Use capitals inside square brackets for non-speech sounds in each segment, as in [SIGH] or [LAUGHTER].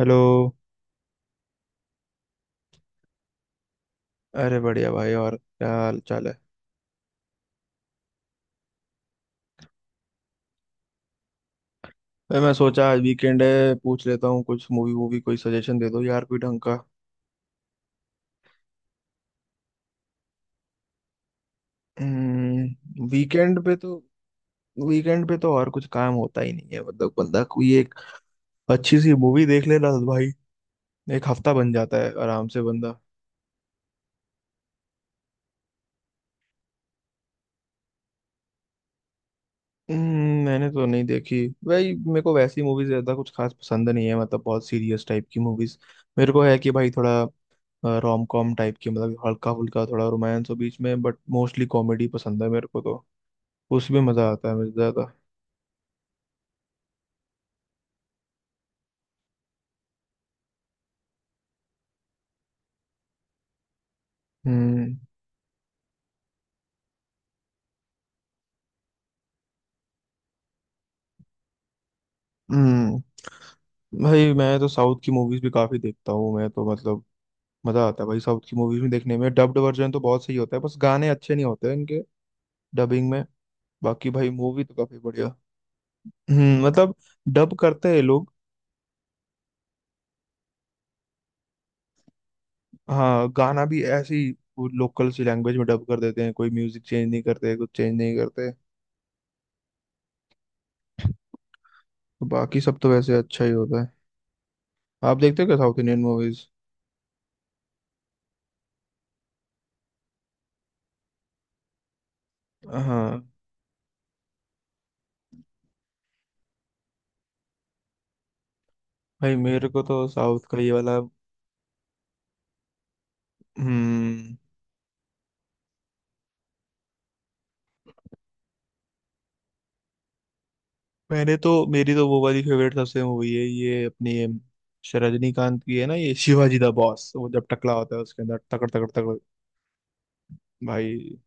Hello. अरे बढ़िया भाई, और क्या हाल चाल है। भाई मैं सोचा आज वीकेंड है, पूछ लेता हूँ, कुछ मूवी वूवी कोई सजेशन दे दो यार कोई ढंग का। हम्म, वीकेंड पे तो वीकेंड पे तो और कुछ काम होता ही नहीं है, मतलब बंदा कोई एक अच्छी सी मूवी देख ले ना भाई। एक हफ्ता बन जाता है आराम से बंदा। मैंने तो नहीं देखी। भाई मेरे को वैसी मूवीज ज्यादा कुछ खास पसंद नहीं है, मतलब बहुत सीरियस टाइप की मूवीज। मेरे को है कि भाई थोड़ा रोम कॉम टाइप की, मतलब हल्का फुल्का थोड़ा रोमांस हो बीच में, बट मोस्टली कॉमेडी पसंद है मेरे को तो। उसमें मजा आता है मुझे ज्यादा। हम्म, हम्म। भाई मैं तो साउथ की मूवीज भी काफी देखता हूँ मैं तो, मतलब मजा आता है भाई साउथ की मूवीज में देखने में। डब्ड वर्जन तो बहुत सही होता है, बस गाने अच्छे नहीं होते हैं इनके डबिंग में। बाकी भाई मूवी तो काफी बढ़िया। मतलब डब करते हैं लोग। हाँ, गाना भी ऐसे ही वो लोकल सी लैंग्वेज में डब कर देते हैं, कोई म्यूजिक चेंज नहीं करते, कुछ चेंज नहीं करते। तो बाकी सब तो वैसे अच्छा ही होता है। आप देखते हो क्या साउथ इंडियन मूवीज? हाँ भाई, मेरे को तो साउथ का ये वाला, हम्म मैंने तो, मेरी तो वो वाली फेवरेट सबसे मूवी है ये अपनी, रजनीकांत की है ना ये शिवाजी द बॉस, वो जब टकला होता है उसके अंदर तकड़ तकड़ तकड़। भाई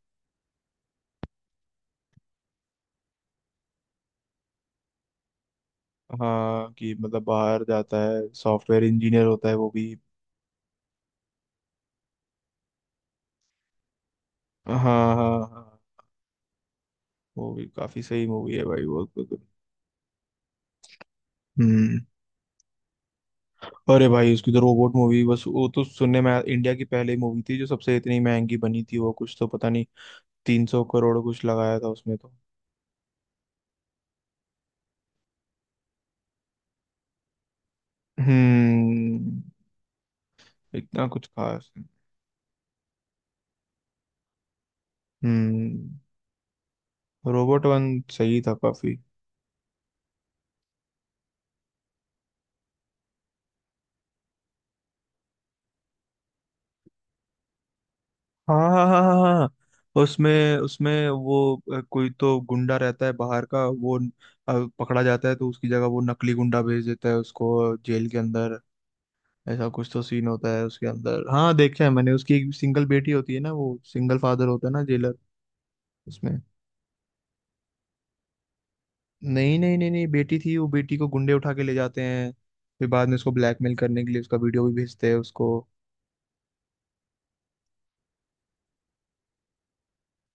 हाँ, कि मतलब बाहर जाता है सॉफ्टवेयर इंजीनियर होता है वो भी। हाँ हाँ हाँ, वो भी काफी सही मूवी है भाई वो तो। हम्म अरे भाई उसकी तो रोबोट मूवी, बस वो तो इंडिया की पहली मूवी थी जो सबसे इतनी महंगी बनी थी, वो कुछ तो पता नहीं। 300 करोड़ कुछ लगाया था उसमें तो। हम्म इतना कुछ खास। हम्म रोबोट वन सही था काफी। हाँ हाँ हाँ हाँ हाँ। उसमें उसमें वो कोई तो गुंडा रहता है बाहर का, वो पकड़ा जाता है, तो उसकी जगह वो नकली गुंडा भेज देता है उसको जेल के अंदर। ऐसा कुछ तो सीन होता है उसके अंदर। हाँ देखा है मैंने, उसकी एक सिंगल बेटी होती है ना, वो सिंगल फादर होता है ना जेलर उसमें। नहीं नहीं नहीं नहीं, बेटी थी, वो बेटी को गुंडे उठा के ले जाते हैं। फिर बाद में उसको ब्लैकमेल करने के लिए उसका वीडियो भी भेजते हैं उसको।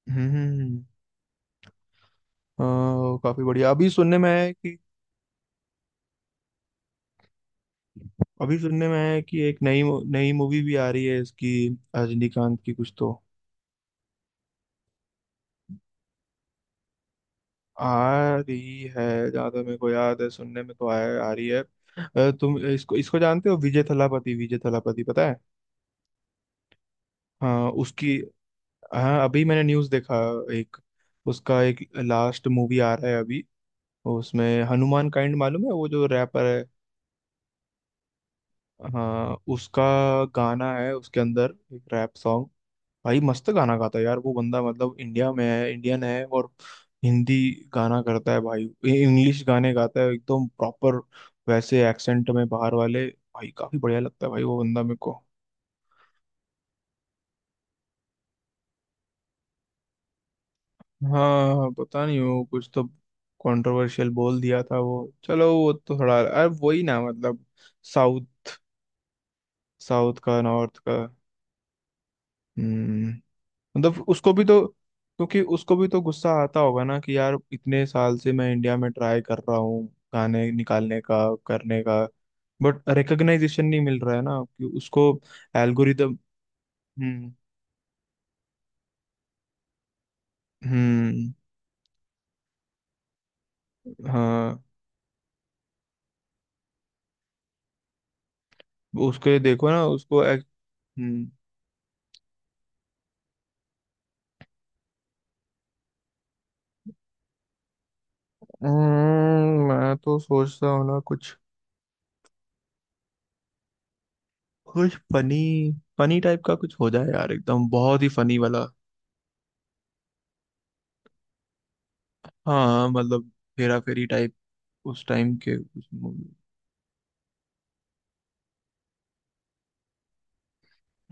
हम्म हम्म, हम्म। हाँ, काफी बढ़िया। अभी सुनने में आया है कि एक नई मूवी भी आ रही है इसकी, रजनीकांत की कुछ तो आ रही है। जहाँ तक मेरे को याद है, सुनने में तो आया, आ रही है। तुम इसको इसको जानते हो, विजय थलापति, विजय थलापति पता है? हाँ उसकी, हाँ, अभी मैंने न्यूज़ देखा, एक उसका एक लास्ट मूवी आ रहा है अभी। उसमें हनुमान काइंड मालूम है, वो जो रैपर है। हाँ, उसका गाना है उसके अंदर, एक रैप सॉन्ग। भाई मस्त गाना गाता है यार वो बंदा, मतलब इंडिया में है, इंडियन है, और हिंदी गाना करता है भाई, इंग्लिश गाने गाता है एकदम प्रॉपर। वैसे एक्सेंट में बाहर वाले, भाई काफी बढ़िया लगता है भाई वो बंदा मेरे को। हाँ, पता नहीं वो कुछ तो कंट्रोवर्शियल बोल दिया था वो, चलो, वो तो थोड़ा, अरे वही ना, मतलब साउथ साउथ का, नॉर्थ का। हम्म मतलब उसको भी तो, क्योंकि उसको भी तो गुस्सा आता होगा ना, कि यार इतने साल से मैं इंडिया में ट्राई कर रहा हूँ गाने निकालने का, करने का, बट रिकग्नाइजेशन नहीं मिल रहा है ना, कि उसको एल्गोरिदम। हम्म, हम्म। हाँ, उसके देखो ना, उसको हम्म, मैं तो सोचता हूँ ना कुछ, कुछ फनी, फनी टाइप का कुछ हो जाए यार, एकदम बहुत ही फनी वाला। हाँ, मतलब हेरा फेरी टाइप, उस टाइम के कुछ मूवी।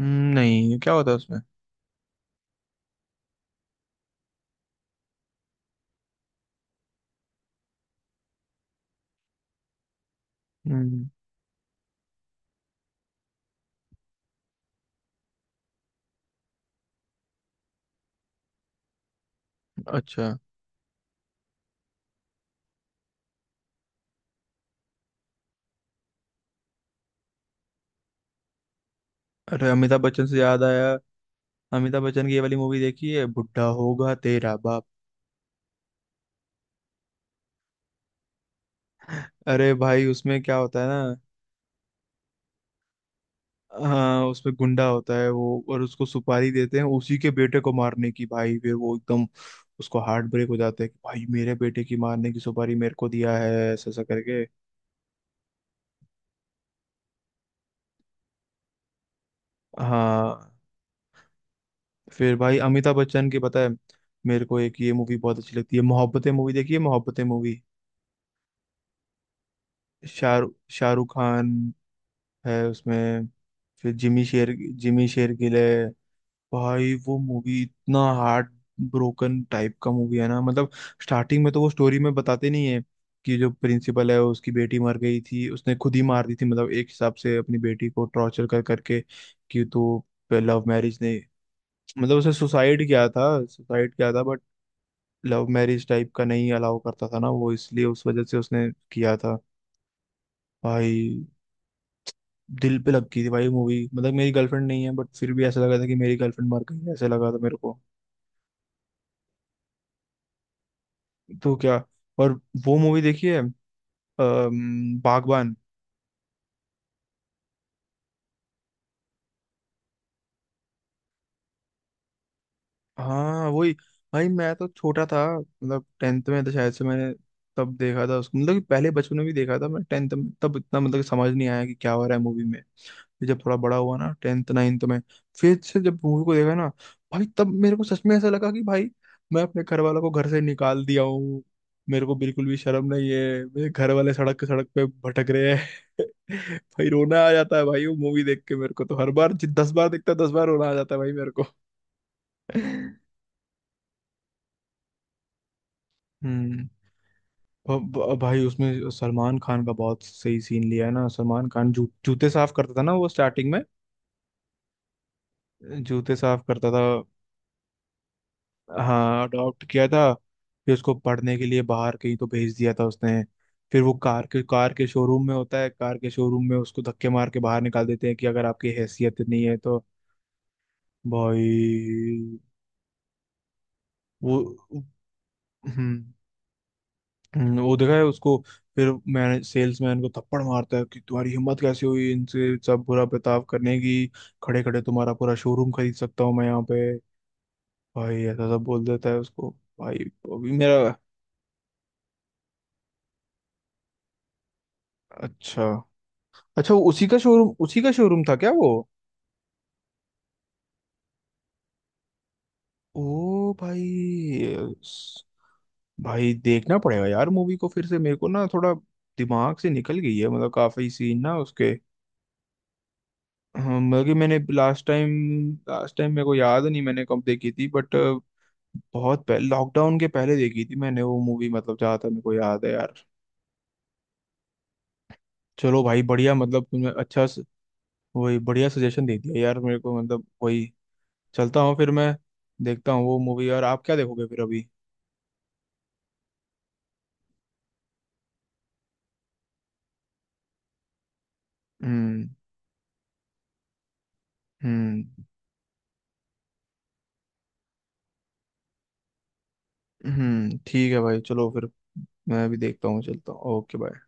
नहीं, क्या होता है उसमें? हम्म, अच्छा। अरे अमिताभ बच्चन से याद आया, अमिताभ बच्चन की ये वाली मूवी देखी है, बुढ़ा होगा तेरा बाप? [LAUGHS] अरे भाई उसमें क्या होता है ना, हाँ उसमें गुंडा होता है वो, और उसको सुपारी देते हैं उसी के बेटे को मारने की। भाई फिर वो एकदम, उसको हार्ट ब्रेक हो जाता है कि भाई मेरे बेटे की मारने की सुपारी मेरे को दिया है, ऐसा ऐसा करके। हाँ, फिर भाई अमिताभ बच्चन की, पता है, मेरे को एक ये मूवी बहुत अच्छी लगती है, मोहब्बतें मूवी देखी है, मोहब्बतें मूवी। शाहरुख शाहरुख खान है उसमें, फिर जिमी शेरगिल है। भाई वो मूवी इतना हार्ट ब्रोकन टाइप का मूवी है ना, मतलब स्टार्टिंग में तो वो स्टोरी में बताते नहीं है कि जो प्रिंसिपल है उसकी बेटी मर गई थी, उसने खुद ही मार दी थी, मतलब एक हिसाब से अपनी बेटी को टॉर्चर कर करके कि तू लव मैरिज नहीं, मतलब उसे सुसाइड किया था, बट लव मैरिज टाइप का नहीं अलाउ करता था ना वो, इसलिए, उस वजह से उसने किया था। भाई दिल पे लग गई थी भाई मूवी, मतलब मेरी गर्लफ्रेंड नहीं है, बट फिर भी ऐसा लगा था कि मेरी गर्लफ्रेंड मर गई, ऐसा लगा था मेरे को। तो क्या, और वो मूवी देखी है, बागबान? हाँ वही। भाई मैं तो छोटा था, मतलब टेंथ में था शायद, से मैंने तब देखा था उसको, मतलब कि पहले बचपन में भी देखा था मैं टेंथ में, तब इतना, मतलब कि समझ नहीं आया कि क्या हो रहा है मूवी में। फिर जब थोड़ा बड़ा हुआ ना, टेंथ नाइन्थ में, फिर से जब मूवी को देखा ना, भाई तब मेरे को सच में ऐसा लगा कि भाई मैं अपने घर वालों को घर से निकाल दिया हूँ, मेरे को बिल्कुल भी शर्म नहीं है, मेरे घर वाले सड़क के सड़क पे भटक रहे हैं। [LAUGHS] भाई रोना आ जाता है भाई, वो मूवी देख के मेरे को तो हर बार, 10 बार देखता, 10 बार रोना आ जाता है भाई मेरे को। [LAUGHS] हम्म भाई उसमें सलमान खान का बहुत सही सीन लिया है ना, सलमान खान जूते साफ करता था ना वो स्टार्टिंग में, जूते साफ करता था। हाँ अडॉप्ट किया था, फिर उसको पढ़ने के लिए बाहर कहीं तो भेज दिया था उसने। फिर वो कार के शोरूम में होता है, कार के शोरूम में उसको धक्के मार के बाहर निकाल देते हैं कि अगर आपकी हैसियत नहीं है तो, भाई वो हम्म वो देखा है उसको। फिर मैंने, सेल्समैन को थप्पड़ मारता है कि तुम्हारी हिम्मत कैसे हुई इनसे सब बुरा बर्ताव करने की, खड़े खड़े तुम्हारा पूरा शोरूम खरीद सकता हूँ मैं यहाँ पे, भाई ऐसा सब बोल देता है उसको। भाई अभी मेरा, अच्छा अच्छा, वो उसी का शोरूम था क्या वो? ओ भाई, स- भाई देखना पड़ेगा यार मूवी को फिर से, मेरे को ना थोड़ा दिमाग से निकल गई है, मतलब काफी सीन ना उसके। बल्कि मैंने लास्ट टाइम मेरे को याद नहीं मैंने कब देखी थी, बट बहुत पहले, लॉकडाउन के पहले देखी थी मैंने वो मूवी, मतलब जहाँ तक मेरे को याद है यार। चलो भाई बढ़िया, मतलब तुमने अच्छा वही बढ़िया सजेशन दे दिया यार मेरे को, मतलब वही। चलता हूँ फिर मैं, देखता हूँ वो मूवी। और आप क्या देखोगे फिर अभी? हम्म, हम्म, हम्म, ठीक है भाई, चलो फिर, मैं भी देखता हूँ, चलता हूँ, ओके बाय।